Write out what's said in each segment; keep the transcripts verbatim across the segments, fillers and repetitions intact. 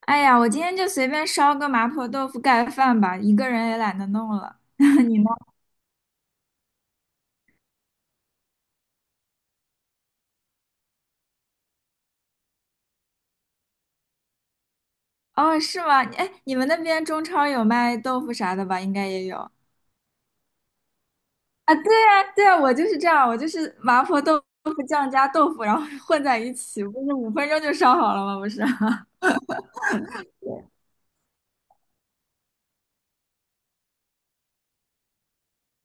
哎呀，我今天就随便烧个麻婆豆腐盖饭吧，一个人也懒得弄了。你呢？哦，是吗？哎，你们那边中超有卖豆腐啥的吧？应该也有啊。对啊，对啊，我就是这样，我就是麻婆豆腐酱加豆腐，然后混在一起，不是五分钟就烧好了吗？不是。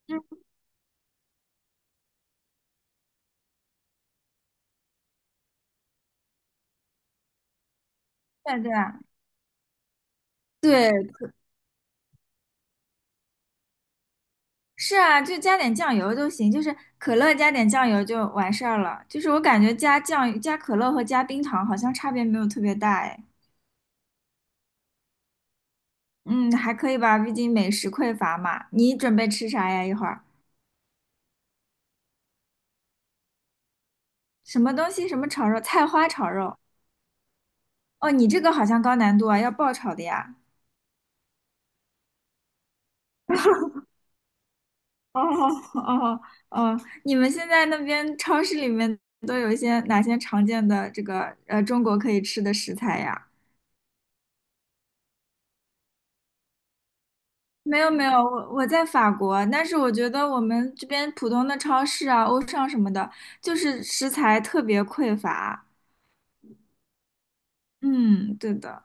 嗯，对啊对啊，对，是啊，就加点酱油就行，就是可乐加点酱油就完事儿了。就是我感觉加酱、加可乐和加冰糖好像差别没有特别大，哎。嗯，还可以吧，毕竟美食匮乏嘛。你准备吃啥呀？一会儿什么东西？什么炒肉？菜花炒肉？哦，你这个好像高难度啊，要爆炒的呀。哦哦哦，你们现在那边超市里面都有一些哪些常见的这个呃中国可以吃的食材呀？没有没有，我我在法国，但是我觉得我们这边普通的超市啊、欧尚什么的，就是食材特别匮乏。嗯，对的。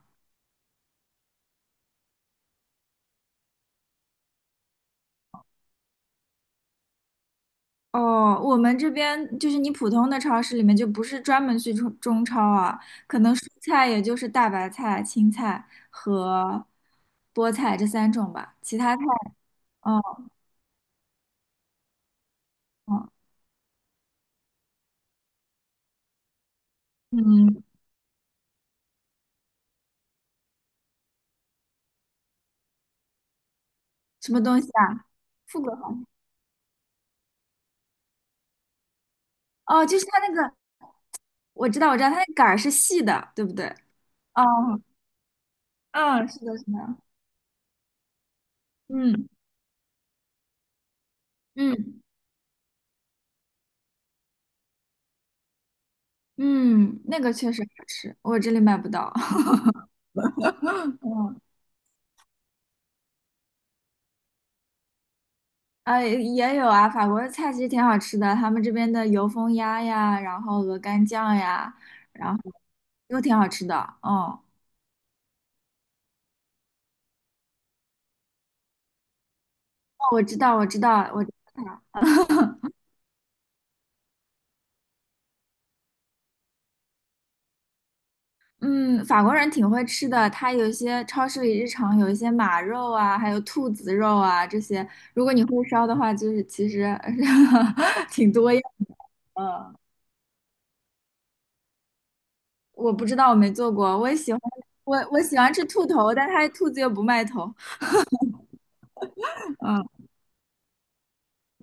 哦，我们这边就是你普通的超市里面就不是专门去中中超啊，可能蔬菜也就是大白菜、青菜和菠菜这三种吧，其他菜，哦哦，嗯，什么东西啊？富贵好像哦，就是它那个，我知道我知道，它那杆儿是细的，对不对？哦，嗯，是的，是的，嗯嗯嗯，那个确实好吃，我这里买不到。嗯啊，也有啊，法国的菜其实挺好吃的，他们这边的油封鸭呀，然后鹅肝酱呀，然后都挺好吃的。嗯，哦，我知道，我知道，我知道。嗯，法国人挺会吃的，他有一些超市里日常有一些马肉啊，还有兔子肉啊这些，如果你会烧的话，就是其实 挺多样的。我不知道，我没做过，我也喜欢，我我喜欢吃兔头，但他兔子又不卖头。嗯。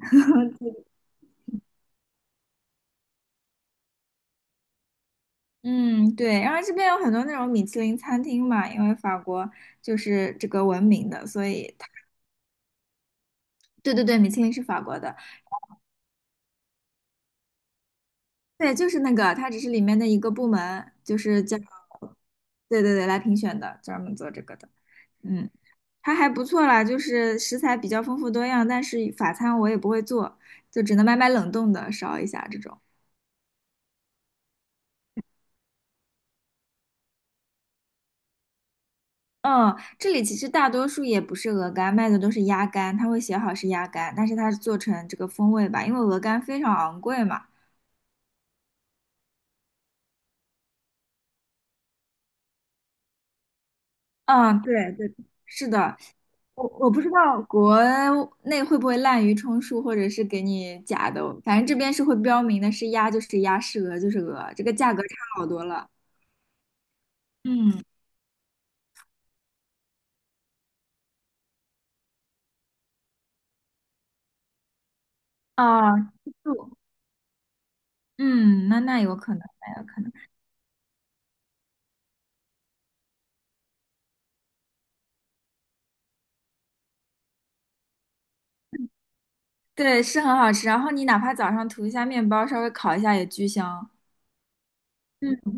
嗯，对，然后这边有很多那种米其林餐厅嘛，因为法国就是这个闻名的，所以它，对对对，米其林是法国的，对，就是那个，它只是里面的一个部门，就是叫，对对对，来评选的，专门做这个的，嗯，它还不错啦，就是食材比较丰富多样，但是法餐我也不会做，就只能买买冷冻的烧一下这种。嗯，这里其实大多数也不是鹅肝，卖的都是鸭肝，它会写好是鸭肝，但是它是做成这个风味吧，因为鹅肝非常昂贵嘛。嗯，对对，是的，我我不知道国内会不会滥竽充数，或者是给你假的，反正这边是会标明的是鸭就是鸭，是鹅就是鹅，这个价格差好多了。嗯，啊，吃素嗯，那那有可能，对，是很好吃，然后你哪怕早上涂一下面包，稍微烤一下也巨香。嗯。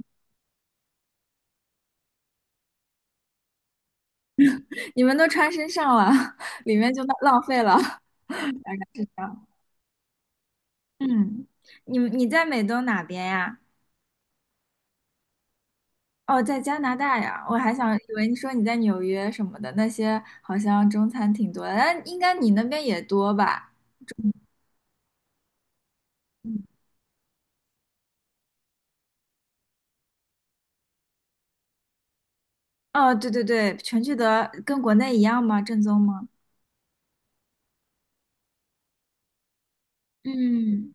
你们都穿身上了，里面就浪浪费了。是的，嗯，你你在美东哪边呀？哦，在加拿大呀。我还想以为你说你在纽约什么的，那些好像中餐挺多的，但应该你那边也多吧？嗯，哦，对对对，全聚德跟国内一样吗？正宗吗？嗯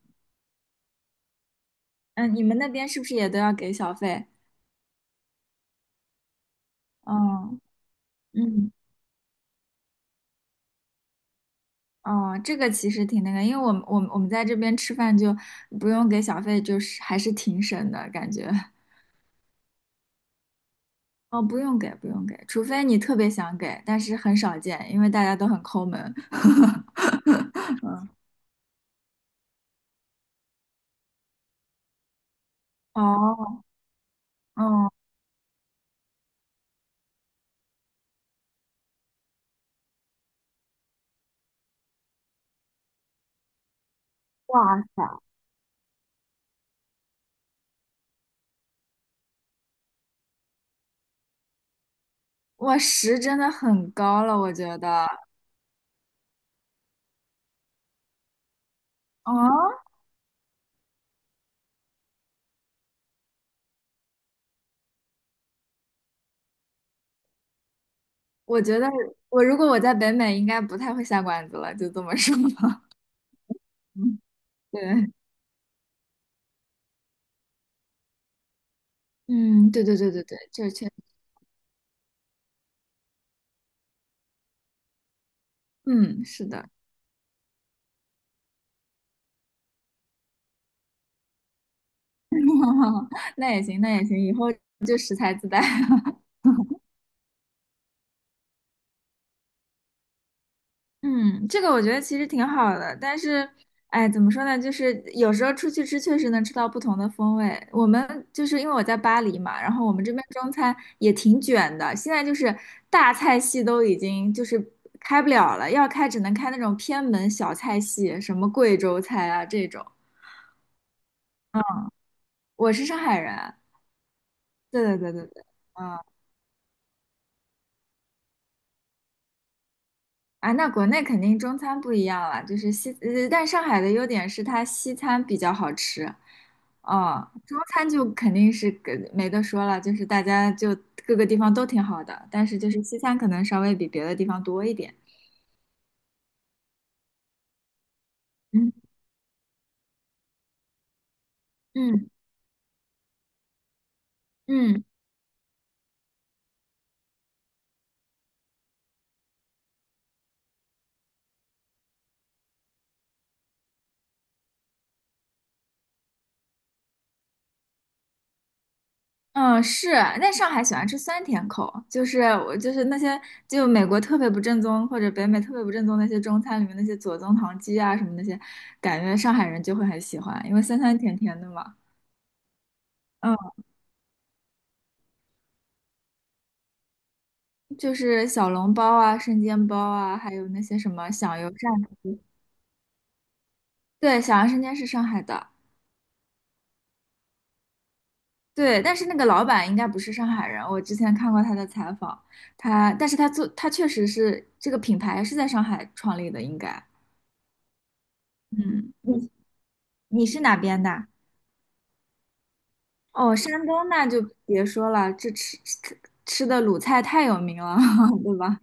嗯，你们那边是不是也都要给小费？哦，嗯。哦，这个其实挺那个，因为我们我们我们在这边吃饭就不用给小费，就是还是挺省的感觉。哦，不用给，不用给，除非你特别想给，但是很少见，因为大家都很抠门。哦，嗯，哇塞，我十真的很高了，我觉得。哦，我觉得我如果我在北美，应该不太会下馆子了，就这么说吧。嗯，对，嗯，对对对对对，这确，嗯，是的，那也行，那也行，以后就食材自带。嗯，这个我觉得其实挺好的，但是，哎，怎么说呢？就是有时候出去吃，确实能吃到不同的风味。我们就是因为我在巴黎嘛，然后我们这边中餐也挺卷的，现在就是大菜系都已经就是开不了了，要开只能开那种偏门小菜系，什么贵州菜啊这种。我是上海人，对对对对对，嗯。啊，那国内肯定中餐不一样了，就是西，呃，但上海的优点是它西餐比较好吃，哦，中餐就肯定是跟没得说了，就是大家就各个地方都挺好的，但是就是西餐可能稍微比别的地方多一点。嗯嗯嗯嗯，是啊，那上海喜欢吃酸甜口，就是我就是那些就美国特别不正宗或者北美特别不正宗那些中餐里面那些左宗棠鸡啊什么那些，感觉上海人就会很喜欢，因为酸酸甜甜的嘛。嗯。就是小笼包啊、生煎包啊，还有那些什么响油鳝丝。对，响油生煎是上海的，对，但是那个老板应该不是上海人，我之前看过他的采访，他，但是他做，他确实是这个品牌是在上海创立的，应该。嗯，你你是哪边的？哦，山东那就别说了，这吃吃吃的鲁菜太有名了，对吧？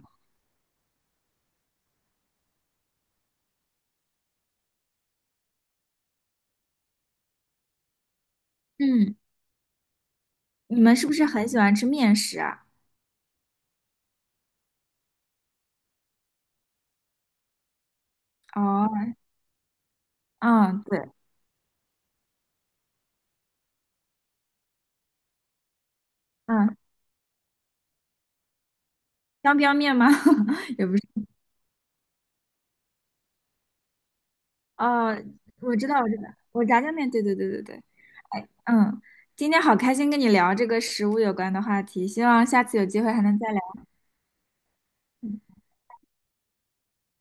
嗯，你们是不是很喜欢吃面食啊？哦，嗯，对，嗯，江边面吗？哦，我知道，我知道，我炸酱面，对对对对对，哎，嗯，今天好开心跟你聊这个食物有关的话题，希望下次有机会还能再聊。嗯